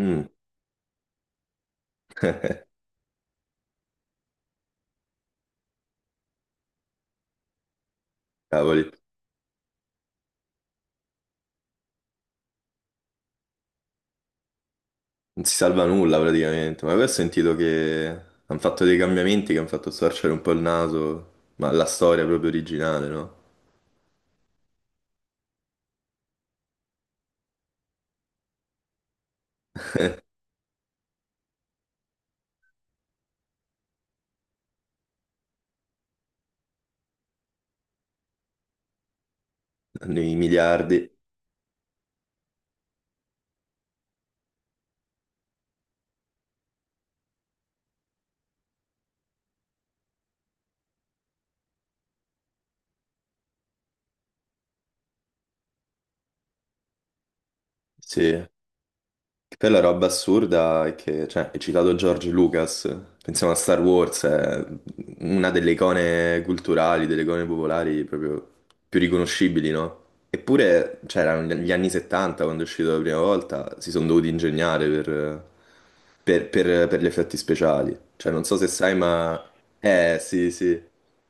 Mm, cavoli, non si salva nulla praticamente, ma poi ho sentito che hanno fatto dei cambiamenti che hanno fatto storcere un po' il naso, ma la storia proprio originale, no? Nei miliardi, sì. Che poi la roba assurda è che, cioè, hai citato George Lucas, pensiamo a Star Wars, è una delle icone culturali, delle icone popolari proprio più riconoscibili, no? Eppure, cioè, erano gli anni 70 quando è uscito la prima volta, si sono dovuti ingegnare per, per gli effetti speciali. Cioè, non so se sai, ma. Sì, sì,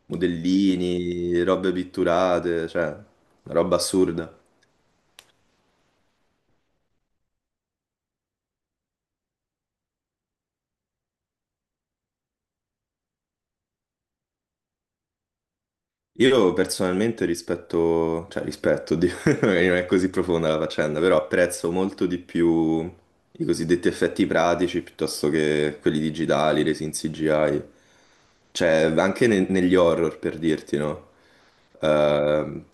modellini, robe pitturate, cioè, una roba assurda. Io personalmente rispetto, cioè rispetto, oddio, magari non è così profonda la faccenda, però apprezzo molto di più i cosiddetti effetti pratici piuttosto che quelli digitali, resi in CGI. Cioè, anche negli horror, per dirti, no? Ehm,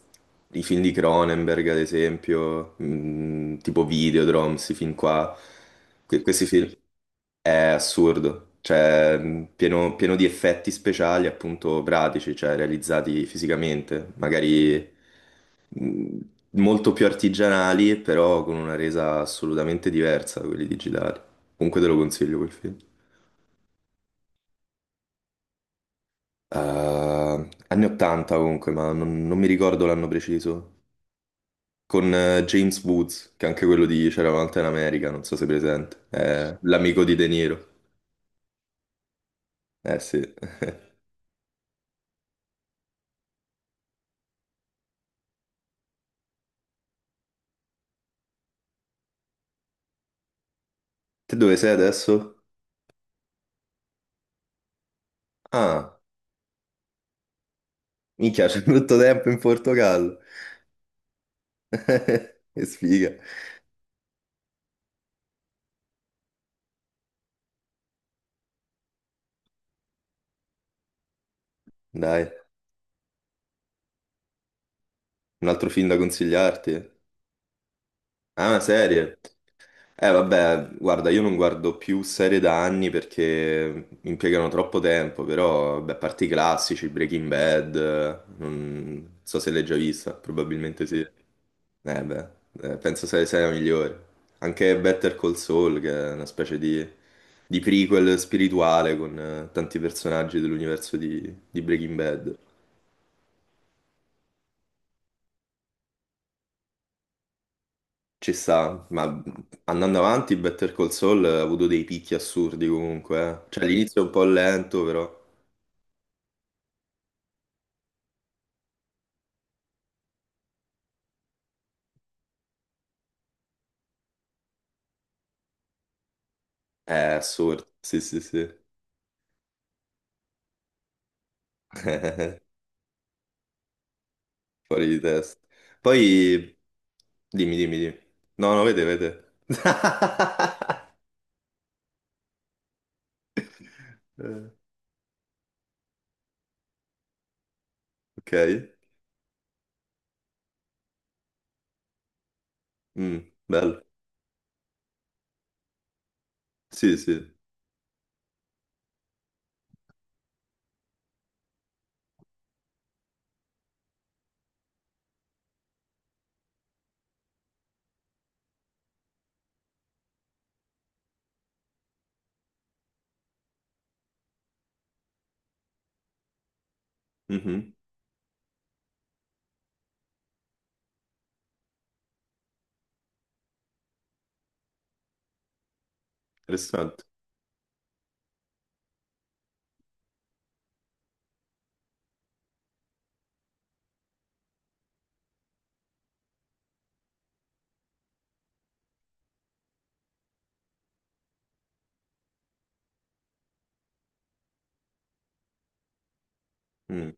I film di Cronenberg, ad esempio, tipo Videodrome, questi film qua. Questi film, è assurdo, cioè pieno, pieno di effetti speciali appunto pratici, cioè realizzati fisicamente, magari mh, molto più artigianali, però con una resa assolutamente diversa da quelli digitali. Comunque te lo consiglio quel film. Anni 80 comunque, ma non mi ricordo l'anno preciso. Con James Woods, che è anche quello di C'era una volta in America, non so se è presente. È l'amico di De Niro. Eh sì. Te dove sei adesso? Ah. Minchia, c'è tutto tempo in Portogallo. Che sfiga. Dai, un altro film da consigliarti. Ah, una serie. Eh vabbè, guarda, io non guardo più serie da anni perché impiegano troppo tempo, però, beh, a parte i classici, Breaking Bad, non so se l'hai già vista, probabilmente sì. Eh beh, penso sia la migliore. Anche Better Call Saul, che è una specie di prequel spirituale con tanti personaggi dell'universo di Breaking Bad. Ci sta, ma andando avanti, Better Call Saul ha avuto dei picchi assurdi comunque. Cioè all'inizio è un po' lento, però. È assurdo, sì, sì, sì. Fuori di testa. Poi, dimmi, dimmi, dimmi. No, no, vede, vede. Eh, Ok. Mm, bello. Sì, sì. Mhm. Interessante. Mm,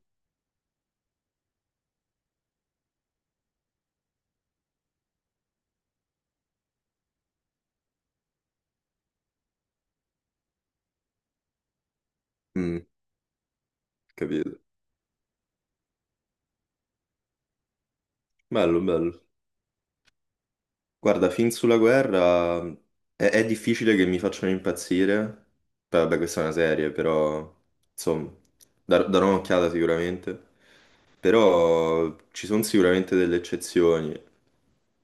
mm. Capito. Bello, bello. Guarda, film sulla guerra è difficile che mi facciano impazzire. Beh, vabbè, questa è una serie, però insomma, darò un'occhiata sicuramente. Però ci sono sicuramente delle eccezioni.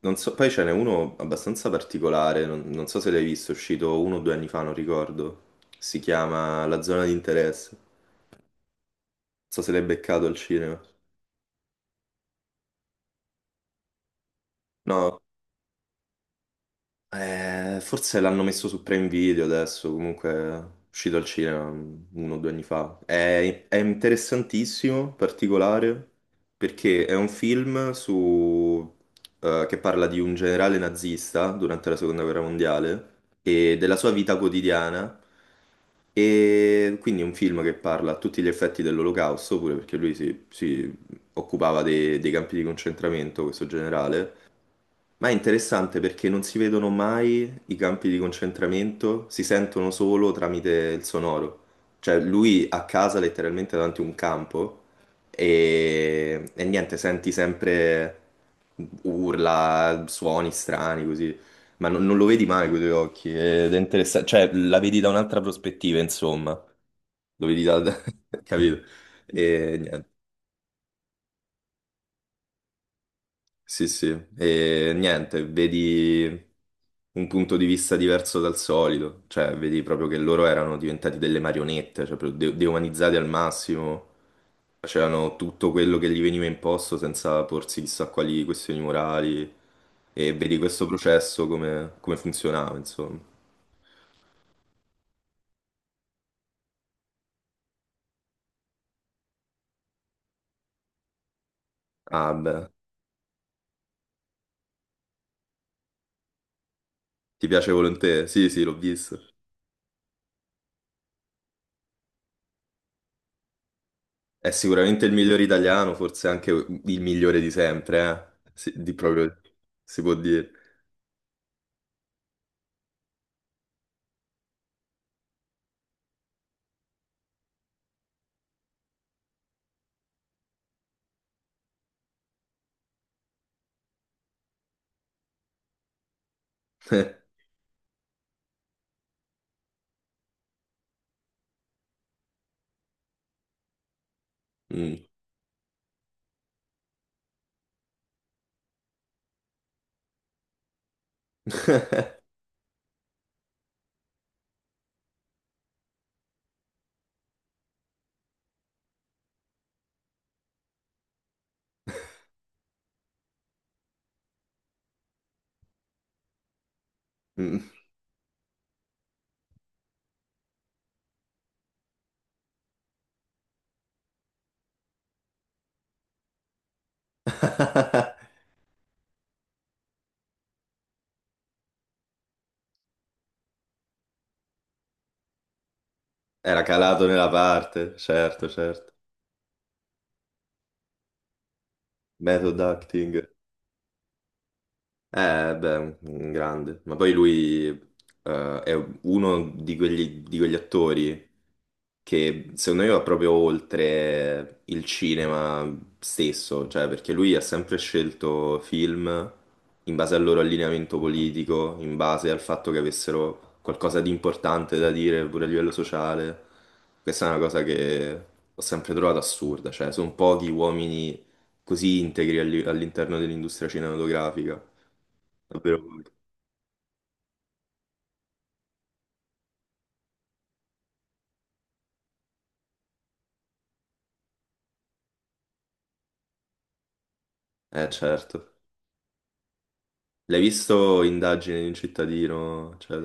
Non so, poi ce n'è uno abbastanza particolare, non so se l'hai visto, è uscito uno o due anni fa, non ricordo. Si chiama La zona di interesse. Non so se l'hai beccato al cinema. No, forse l'hanno messo su Prime Video adesso, comunque è uscito al cinema uno o due anni fa. È interessantissimo, particolare, perché è un film che parla di un generale nazista durante la Seconda Guerra Mondiale e della sua vita quotidiana. E quindi è un film che parla a tutti gli effetti dell'Olocausto, pure perché lui si occupava dei campi di concentramento, questo generale, ma è interessante perché non si vedono mai i campi di concentramento, si sentono solo tramite il sonoro. Cioè lui a casa letteralmente davanti a un campo e niente, senti sempre urla, suoni strani così, ma non lo vedi mai con i tuoi occhi ed è interessante, cioè la vedi da un'altra prospettiva, insomma, lo vedi da capito? E niente. Sì, sì, e niente, vedi un punto di vista diverso dal solito, cioè vedi proprio che loro erano diventati delle marionette, cioè proprio deumanizzati al massimo, facevano tutto quello che gli veniva imposto senza porsi chissà quali questioni morali, e vedi questo processo come funzionava, insomma. Ah, beh, ti piace Volonté? Sì, sì, l'ho visto. È sicuramente il migliore italiano, forse anche il migliore di sempre, eh? Sì, di proprio si può dire. Mm. Mm. Era calato nella parte, certo, certo. Method acting. Beh, un grande. Ma poi lui è uno di quegli attori che secondo me va proprio oltre il cinema stesso, cioè perché lui ha sempre scelto film in base al loro allineamento politico, in base al fatto che avessero qualcosa di importante da dire pure a livello sociale. Questa è una cosa che ho sempre trovato assurda, cioè sono pochi uomini così integri all'interno dell'industria cinematografica, davvero pochi. Eh certo. L'hai visto Indagine di un cittadino? Cioè,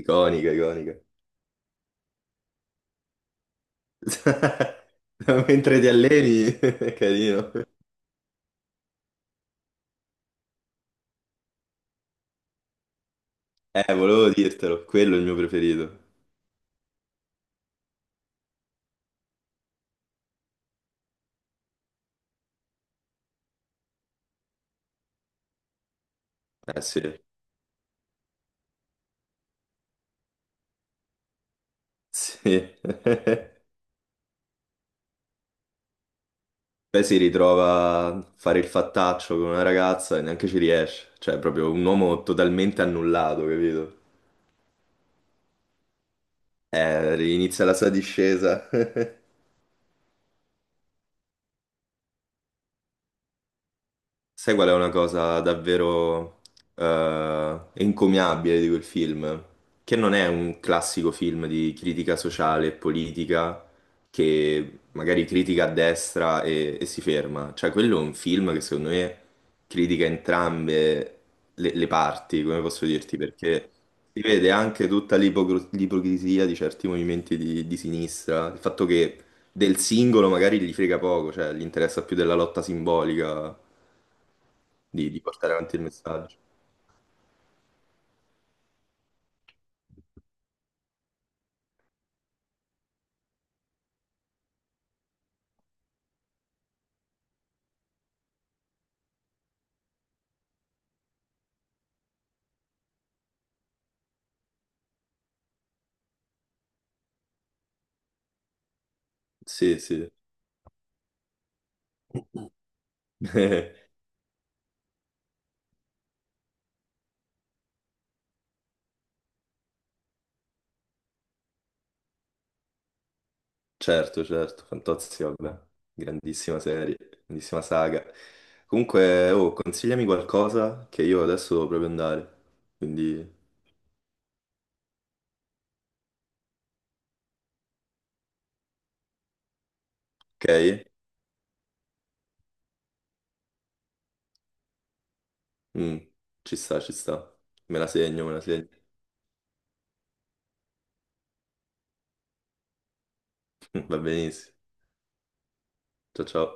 iconica, iconica. Mentre ti alleni, è carino. Volevo dirtelo, quello è il mio preferito. Eh sì, sì. Poi si ritrova a fare il fattaccio con una ragazza e neanche ci riesce. Cioè, è proprio un uomo totalmente annullato, capito? Inizia la sua discesa. Sai qual è una cosa davvero encomiabile di quel film? Che non è un classico film di critica sociale e politica che magari critica a destra e si ferma. Cioè, quello è un film che secondo me critica entrambe le parti, come posso dirti, perché si vede anche tutta l'ipocrisia di certi movimenti di sinistra, il fatto che del singolo magari gli frega poco, cioè gli interessa più della lotta simbolica di portare avanti il messaggio. Sì, sì, certo, certo, Fantozzi, vabbè, grandissima serie, grandissima saga. Comunque, oh, consigliami qualcosa che io adesso devo proprio andare, quindi, ok? Mm, ci sta, me la segno, va benissimo, ciao ciao.